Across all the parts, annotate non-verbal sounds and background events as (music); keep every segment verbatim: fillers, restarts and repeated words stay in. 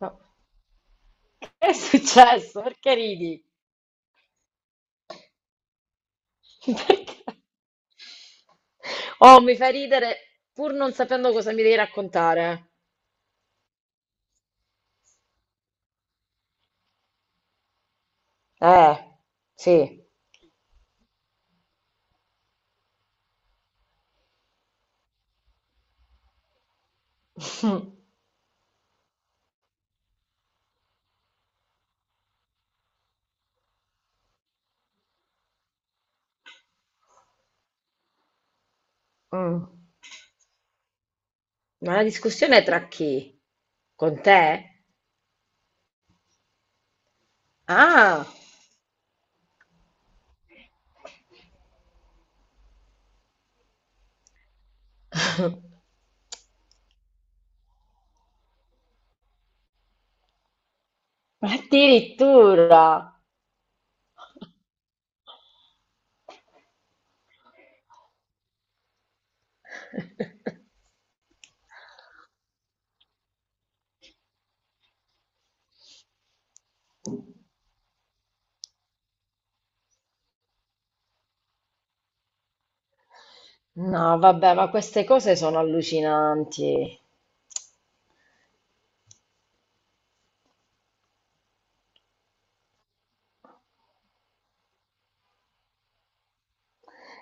No. (laughs) Che è successo? Perché ridi? (laughs) Perché? Oh, mi fai ridere pur non sapendo cosa mi devi raccontare. Eh, sì. (laughs) Mm. Ma la discussione è tra chi? Con te? Ah, (laughs) addirittura. (laughs) No, vabbè, ma queste cose sono allucinanti.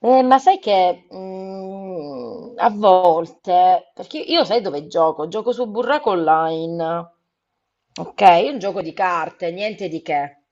Eh, ma sai che mm, a volte, perché io sai dove gioco? Gioco su Burraco Online, ok? Un gioco di carte, niente di che.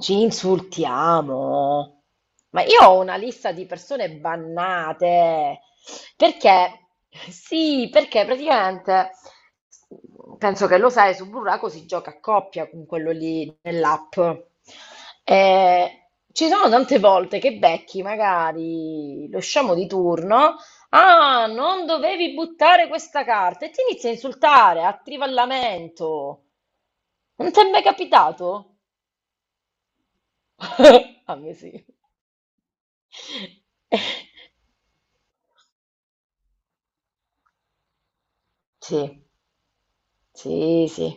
Ci insultiamo. Ma io ho una lista di persone bannate. Perché? Sì, perché praticamente penso che lo sai, su Burraco si gioca a coppia con quello lì nell'app. E ci sono tante volte che becchi magari lo sciamo di turno. Ah, non dovevi buttare questa carta e ti inizia a insultare a trivallamento. Non ti è mai capitato? (laughs) A me sì. Sì, sì, sì,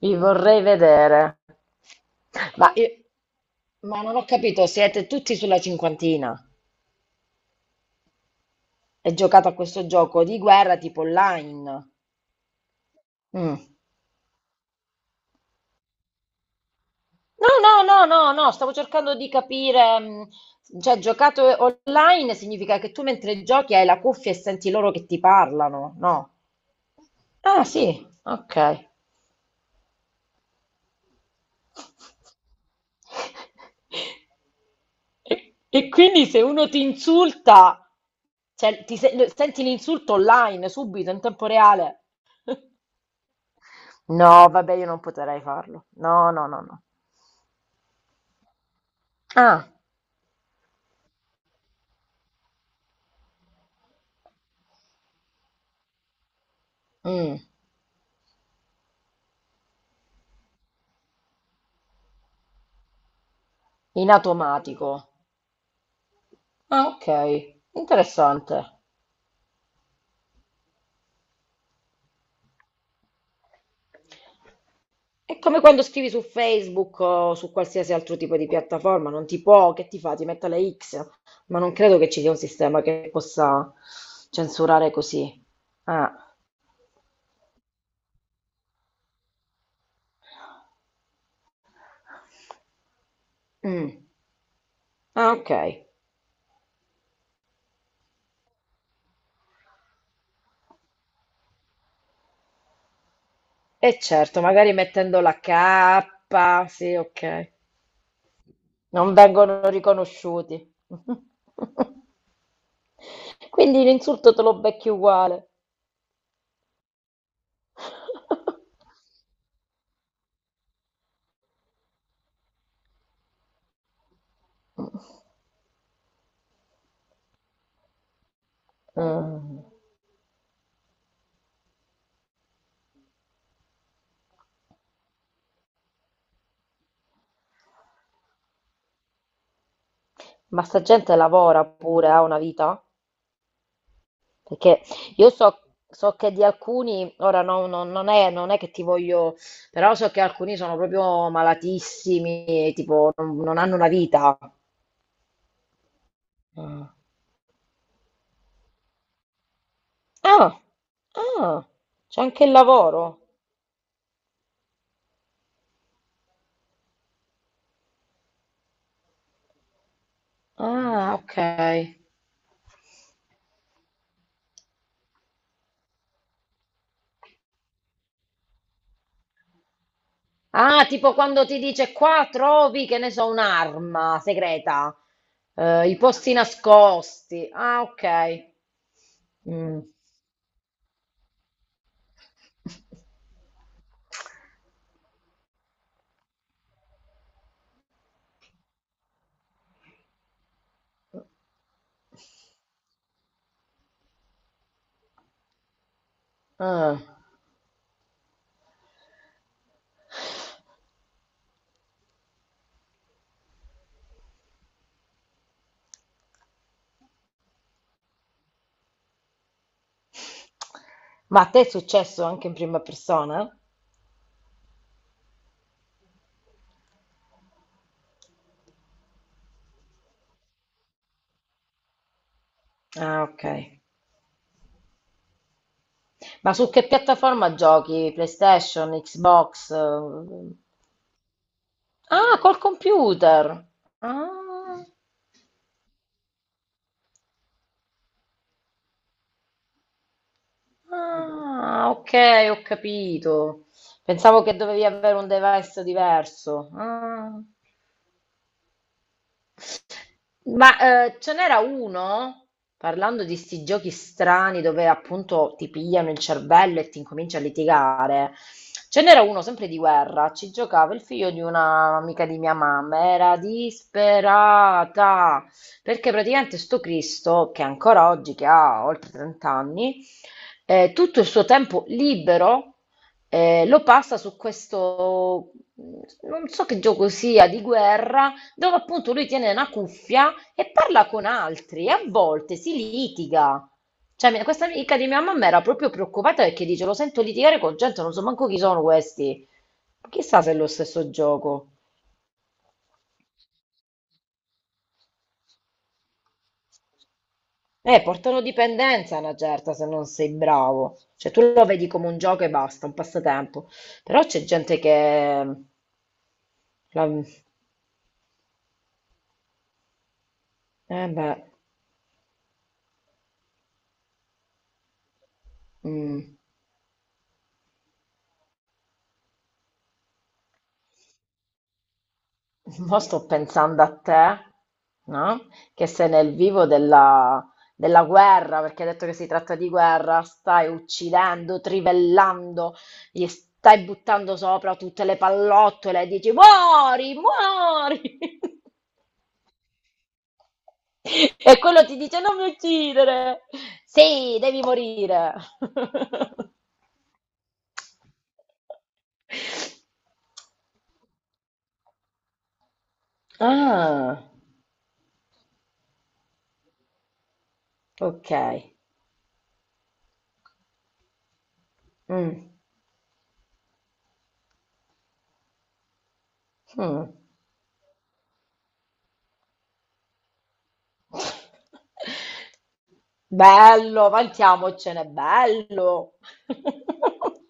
vi vorrei vedere. Ma, E- ma non ho capito, siete tutti sulla cinquantina e giocate a questo gioco di guerra tipo online? Mm. No, no, no, no, no, stavo cercando di capire, mm, cioè giocato online significa che tu mentre giochi hai la cuffia e senti loro che ti parlano, no? Ah, sì, ok. E, e quindi se uno ti insulta, cioè ti se- senti l'insulto online subito in tempo reale? No, vabbè, io non potrei farlo. No, no, no, no. Ah, mm, in automatico. Ah, ok, interessante. È come quando scrivi su Facebook o su qualsiasi altro tipo di piattaforma, non ti può, che ti fa? Ti mette le X, ma non credo che ci sia un sistema che possa censurare così. Ah, mm. Ah, ok. E certo, magari mettendo la K, sì, ok. Non vengono riconosciuti. (laughs) Quindi l'insulto te lo becchi uguale. (laughs) Mm. Ma sta gente lavora pure, ha una vita? Perché io so, so che di alcuni, ora no- no- non è, non è che ti voglio, però so che alcuni sono proprio malatissimi, tipo non, non hanno una vita. Ah. Ah, ah, c'è anche il lavoro. Ah, ok. Ah, tipo quando ti dice qua trovi, che ne so, un'arma segreta, eh, i posti nascosti. Ah, ok. Mm. (laughs) Ah. Ma a te è successo anche in prima persona? Ah, ok. Ma su che piattaforma giochi? PlayStation, Xbox? Eh? Ah, col computer. Ah, ah, ok, ho capito. Pensavo che dovevi avere un device diverso. Ah. Ma eh, ce n'era uno, parlando di sti giochi strani dove appunto ti pigliano il cervello e ti incominci a litigare. Ce n'era uno sempre di guerra, ci giocava il figlio di un'amica di mia mamma, era disperata, perché praticamente sto Cristo, che ancora oggi, che ha oltre trenta anni, eh, tutto il suo tempo libero eh, lo passa su questo, non so che gioco sia, di guerra, dove appunto lui tiene una cuffia e parla con altri e a volte si litiga. Cioè, mi- questa amica di mia mamma era proprio preoccupata perché dice: Lo sento litigare con gente, non so manco chi sono questi. Chissà se è lo stesso gioco. Eh, portano dipendenza a una certa se non sei bravo. Cioè, tu lo vedi come un gioco e basta, un passatempo. Però c'è gente che. la- Eh beh. Mm. Mo sto pensando a te, no? Che sei nel vivo della, della guerra, perché hai detto che si tratta di guerra, stai uccidendo, trivellando, gli stai buttando sopra tutte le pallottole e dici muori, muori! (laughs) E quello ti dice non mi uccidere! Sì, devi morire! (laughs) Ah, ok. Mm, mm. Bello, vantiamocene, bello. (laughs)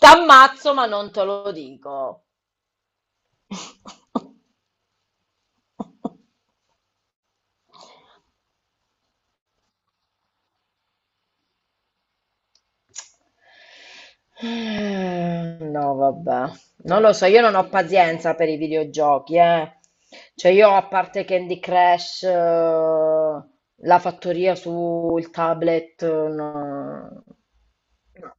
T'ammazzo, ma non te lo dico. Eh, No, vabbè. Non lo so, io non ho pazienza per i videogiochi, eh. Cioè io a parte Candy Crush, eh, la fattoria sul tablet, no, no,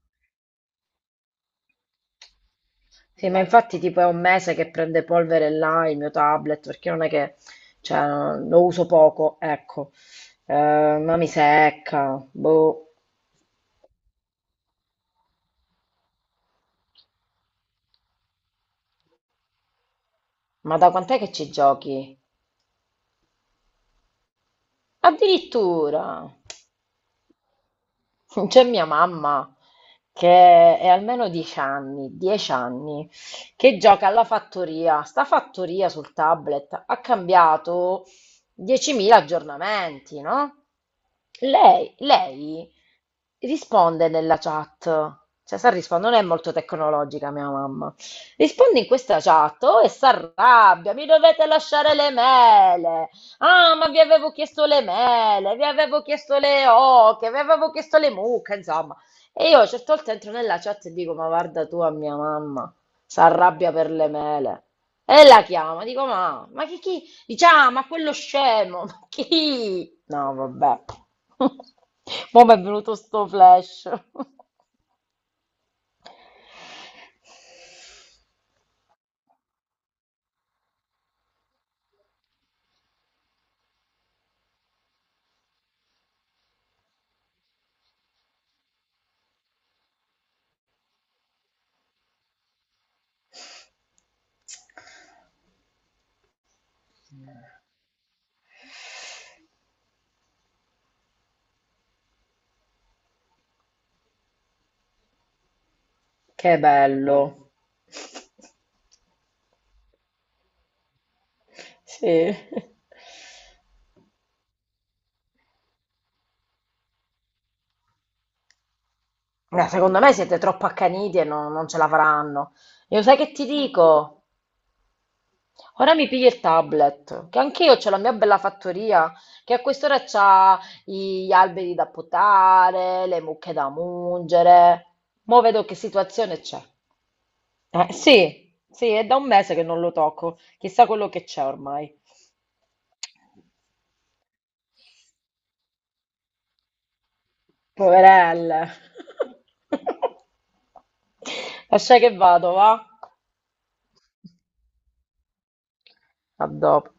Sì, ma infatti tipo è un mese che prende polvere là il mio tablet, perché non è che, cioè, no, lo uso poco, ecco. Eh, ma mi secca, boh. Ma da quant'è che ci giochi? Addirittura! (laughs) C'è mia mamma, che è almeno dieci anni, dieci anni, che gioca alla fattoria. Sta fattoria sul tablet ha cambiato diecimila aggiornamenti, no? Lei, lei risponde nella chat, cioè sa rispondere, non è molto tecnologica mia mamma, risponde in questa chat oh, e si arrabbia, mi dovete lasciare le mele, ah ma vi avevo chiesto le mele, vi avevo chiesto le oche, vi avevo chiesto le mucche, insomma. E io a certe volte entro nella chat e dico ma guarda tu a mia mamma, si arrabbia per le mele. E la chiama, dico ma, ma chi, chi, Dice, ah, ma quello scemo, ma chi? No, vabbè. (laughs) Mo' mi è venuto sto flash. Che bello. Sì. No, secondo me siete troppo accaniti e non, non ce la faranno. Io sai che ti dico? Ora mi pigli il tablet, che anch'io c'ho la mia bella fattoria, che a quest'ora c'ha i- gli alberi da potare, le mucche da mungere. Mo' vedo che situazione c'è. Eh, sì, sì, è da un mese che non lo tocco. Chissà quello che c'è ormai. Poverelle. (laughs) Lascia che vado, va? A dopo.